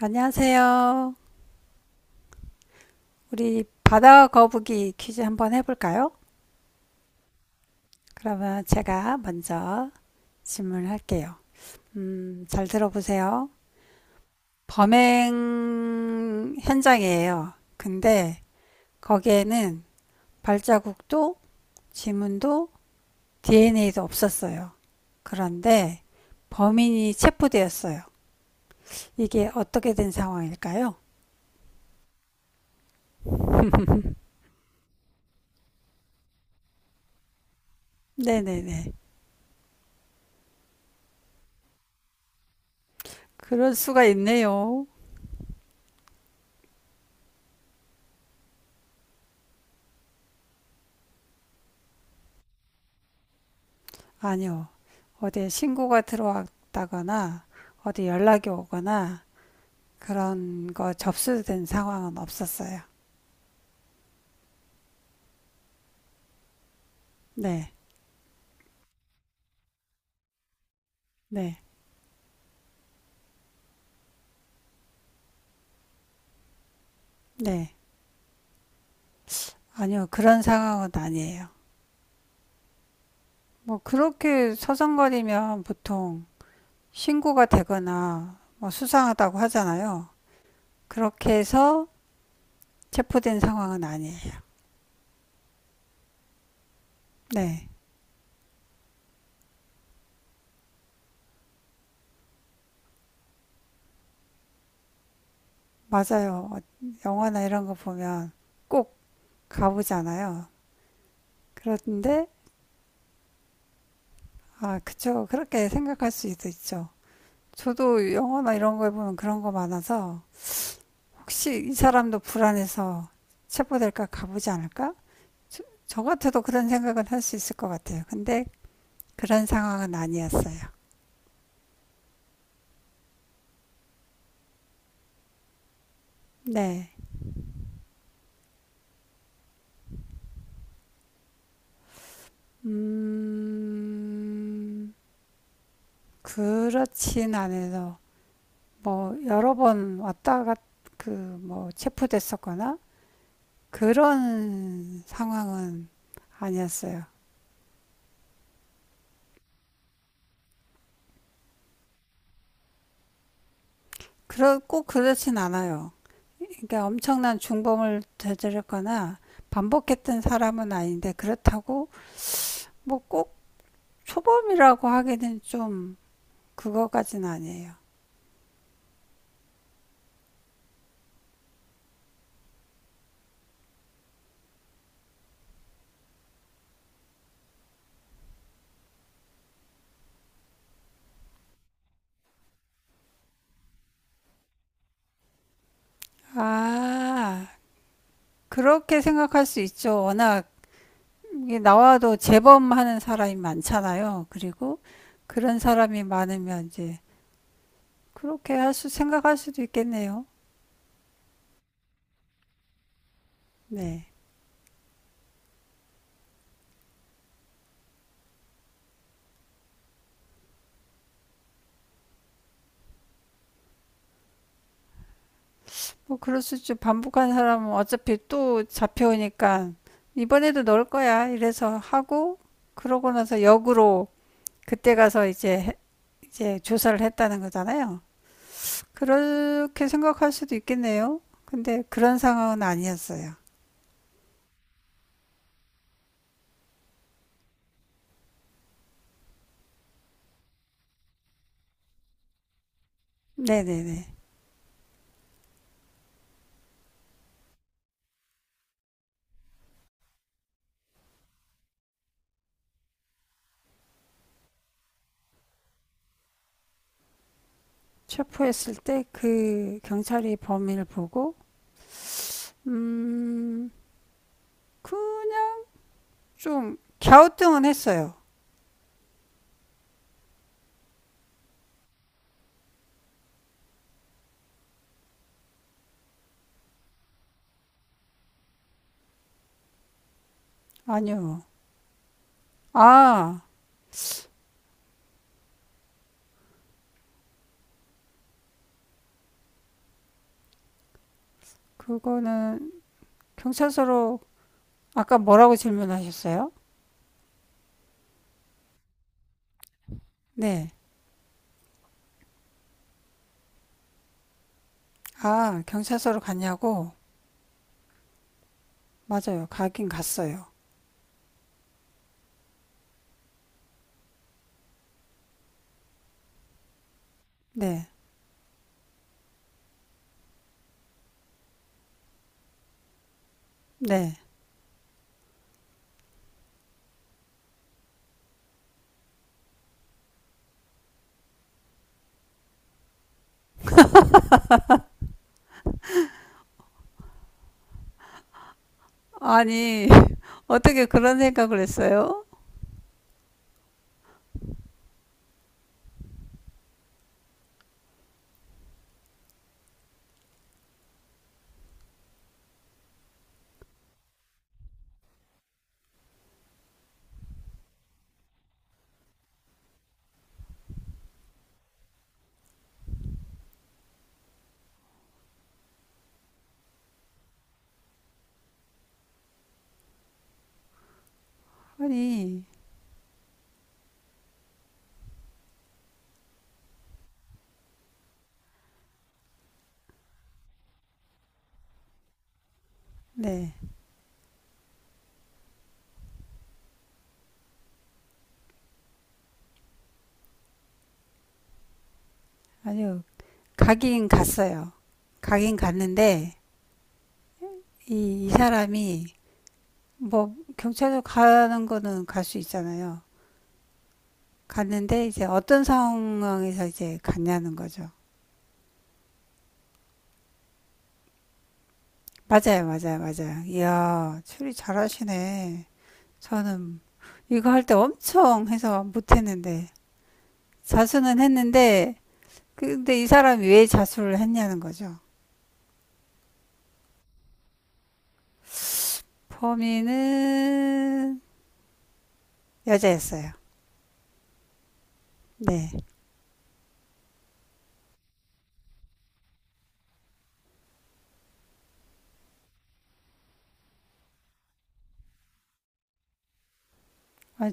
안녕하세요. 우리 바다 거북이 퀴즈 한번 해볼까요? 그러면 제가 먼저 질문을 할게요. 잘 들어보세요. 범행 현장이에요. 근데 거기에는 발자국도, 지문도, DNA도 없었어요. 그런데 범인이 체포되었어요. 이게 어떻게 된 상황일까요? 네네네. 그럴 수가 있네요. 아니요. 어디 신고가 들어왔다거나 어디 연락이 오거나 그런 거 접수된 상황은 없었어요. 네, 네, 네. 아니요. 그런 상황은 아니에요. 뭐 그렇게 서성거리면 보통 신고가 되거나 뭐 수상하다고 하잖아요. 그렇게 해서 체포된 상황은 아니에요. 네, 맞아요. 영화나 이런 거 보면 꼭 가보잖아요. 그런데 아, 그쵸. 그렇게 생각할 수도 있죠. 저도 영화나 이런 거에 보면 그런 거 많아서 혹시 이 사람도 불안해서 체포될까 가보지 않을까? 저 같아도 그런 생각은 할 수 있을 것 같아요. 근데 그런 상황은 아니었어요. 네. 음, 그렇진 않아서 뭐 여러 번 왔다 갔, 그, 뭐 체포됐었거나 그런 상황은 아니었어요. 그러, 꼭 그렇진 않아요. 그러니까 엄청난 중범을 저질렀거나 반복했던 사람은 아닌데 그렇다고 뭐 꼭 초범이라고 하기는 좀 그거까지는 아니에요. 아, 그렇게 생각할 수 있죠. 워낙 나와도 재범하는 사람이 많잖아요. 그리고 그런 사람이 많으면 이제 그렇게 할 수, 생각할 수도 있겠네요. 네. 뭐 그럴 수 있죠. 반복한 사람은 어차피 또 잡혀오니까 이번에도 넣을 거야. 이래서 하고 그러고 나서 역으로 그때 가서 이제 조사를 했다는 거잖아요. 그렇게 생각할 수도 있겠네요. 근데 그런 상황은 아니었어요. 네네네. 체포했을 때 그 경찰이 범인을 보고 음 그냥 좀 갸우뚱은 했어요. 아니요. 아, 그거는 경찰서로 아까 뭐라고 질문하셨어요? 네. 아, 경찰서로 갔냐고? 맞아요. 가긴 갔어요. 네. 네. 아니, 어떻게 그런 생각을 했어요? 아니, 네. 아니요. 가긴 갔어요. 가긴 갔는데, 이 사람이, 뭐, 경찰서 가는 거는 갈 수 있잖아요. 갔는데, 이제 어떤 상황에서 이제 갔냐는 거죠. 맞아요, 맞아요, 맞아요. 이야, 추리 잘하시네. 저는 이거 할 때 엄청 해서 못했는데 자수는 했는데 근데 이 사람이 왜 자수를 했냐는 거죠. 범인은 여자였어요. 네.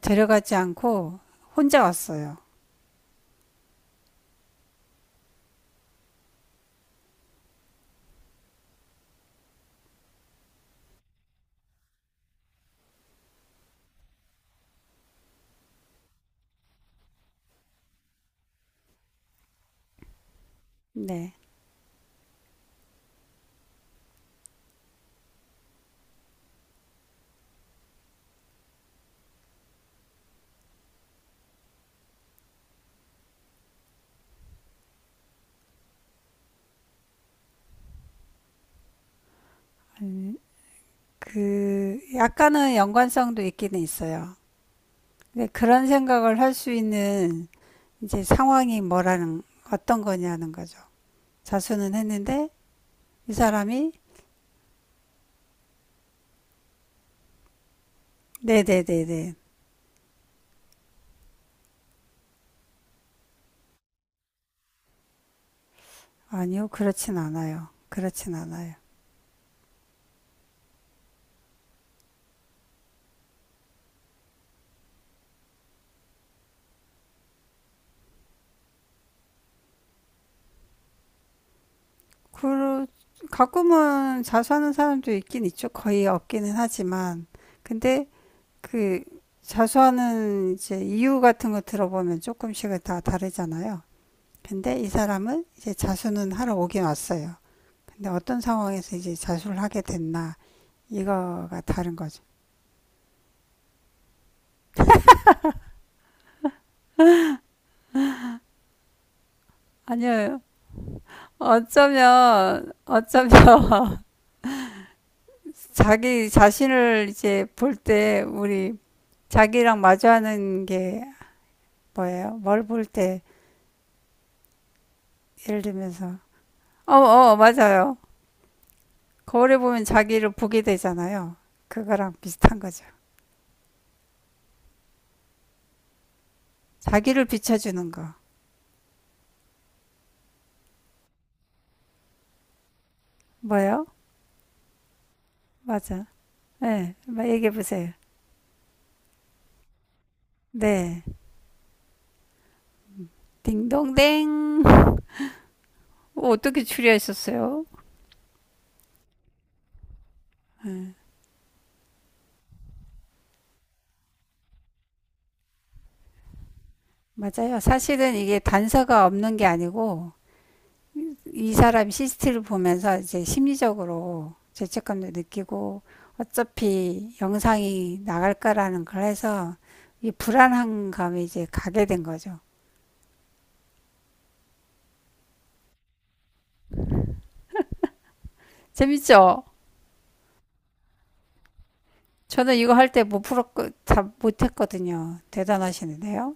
데려가지 않고 혼자 왔어요. 네. 그 약간은 연관성도 있기는 있어요. 근데 그런 생각을 할 수 있는 이제 상황이 뭐라는 어떤 거냐는 거죠. 자수는 했는데 이 사람이 네네네네 아니요, 그렇진 않아요. 그렇진 않아요. 그, 가끔은 자수하는 사람도 있긴 있죠. 거의 없기는 하지만. 근데 그 자수하는 이제 이유 같은 거 들어보면 조금씩은 다 다르잖아요. 근데 이 사람은 이제 자수는 하러 오긴 왔어요. 근데 어떤 상황에서 이제 자수를 하게 됐나, 이거가 다른 거죠. 아니요. 어쩌면, 어쩌면, 자기 자신을 이제 볼 때, 우리 자기랑 마주하는 게 뭐예요? 뭘 볼 때 예를 들면서 어, 어, 맞아요. 거울에 보면 자기를 보게 되잖아요. 그거랑 비슷한 거죠. 자기를 비춰주는 거. 뭐예요? 맞아. 네, 한번 얘기해 보세요. 네, 딩동댕. 어, 어떻게 추리하셨어요? 네, 맞아요. 사실은 이게 단서가 없는 게 아니고 이 사람 CCTV를 보면서 이제 심리적으로 죄책감도 느끼고 어차피 영상이 나갈 거라는 걸 해서 이 불안한 감이 이제 가게 된 거죠. 재밌죠? 저는 이거 할 때 못 풀었고 다 못했거든요. 대단하시는데요.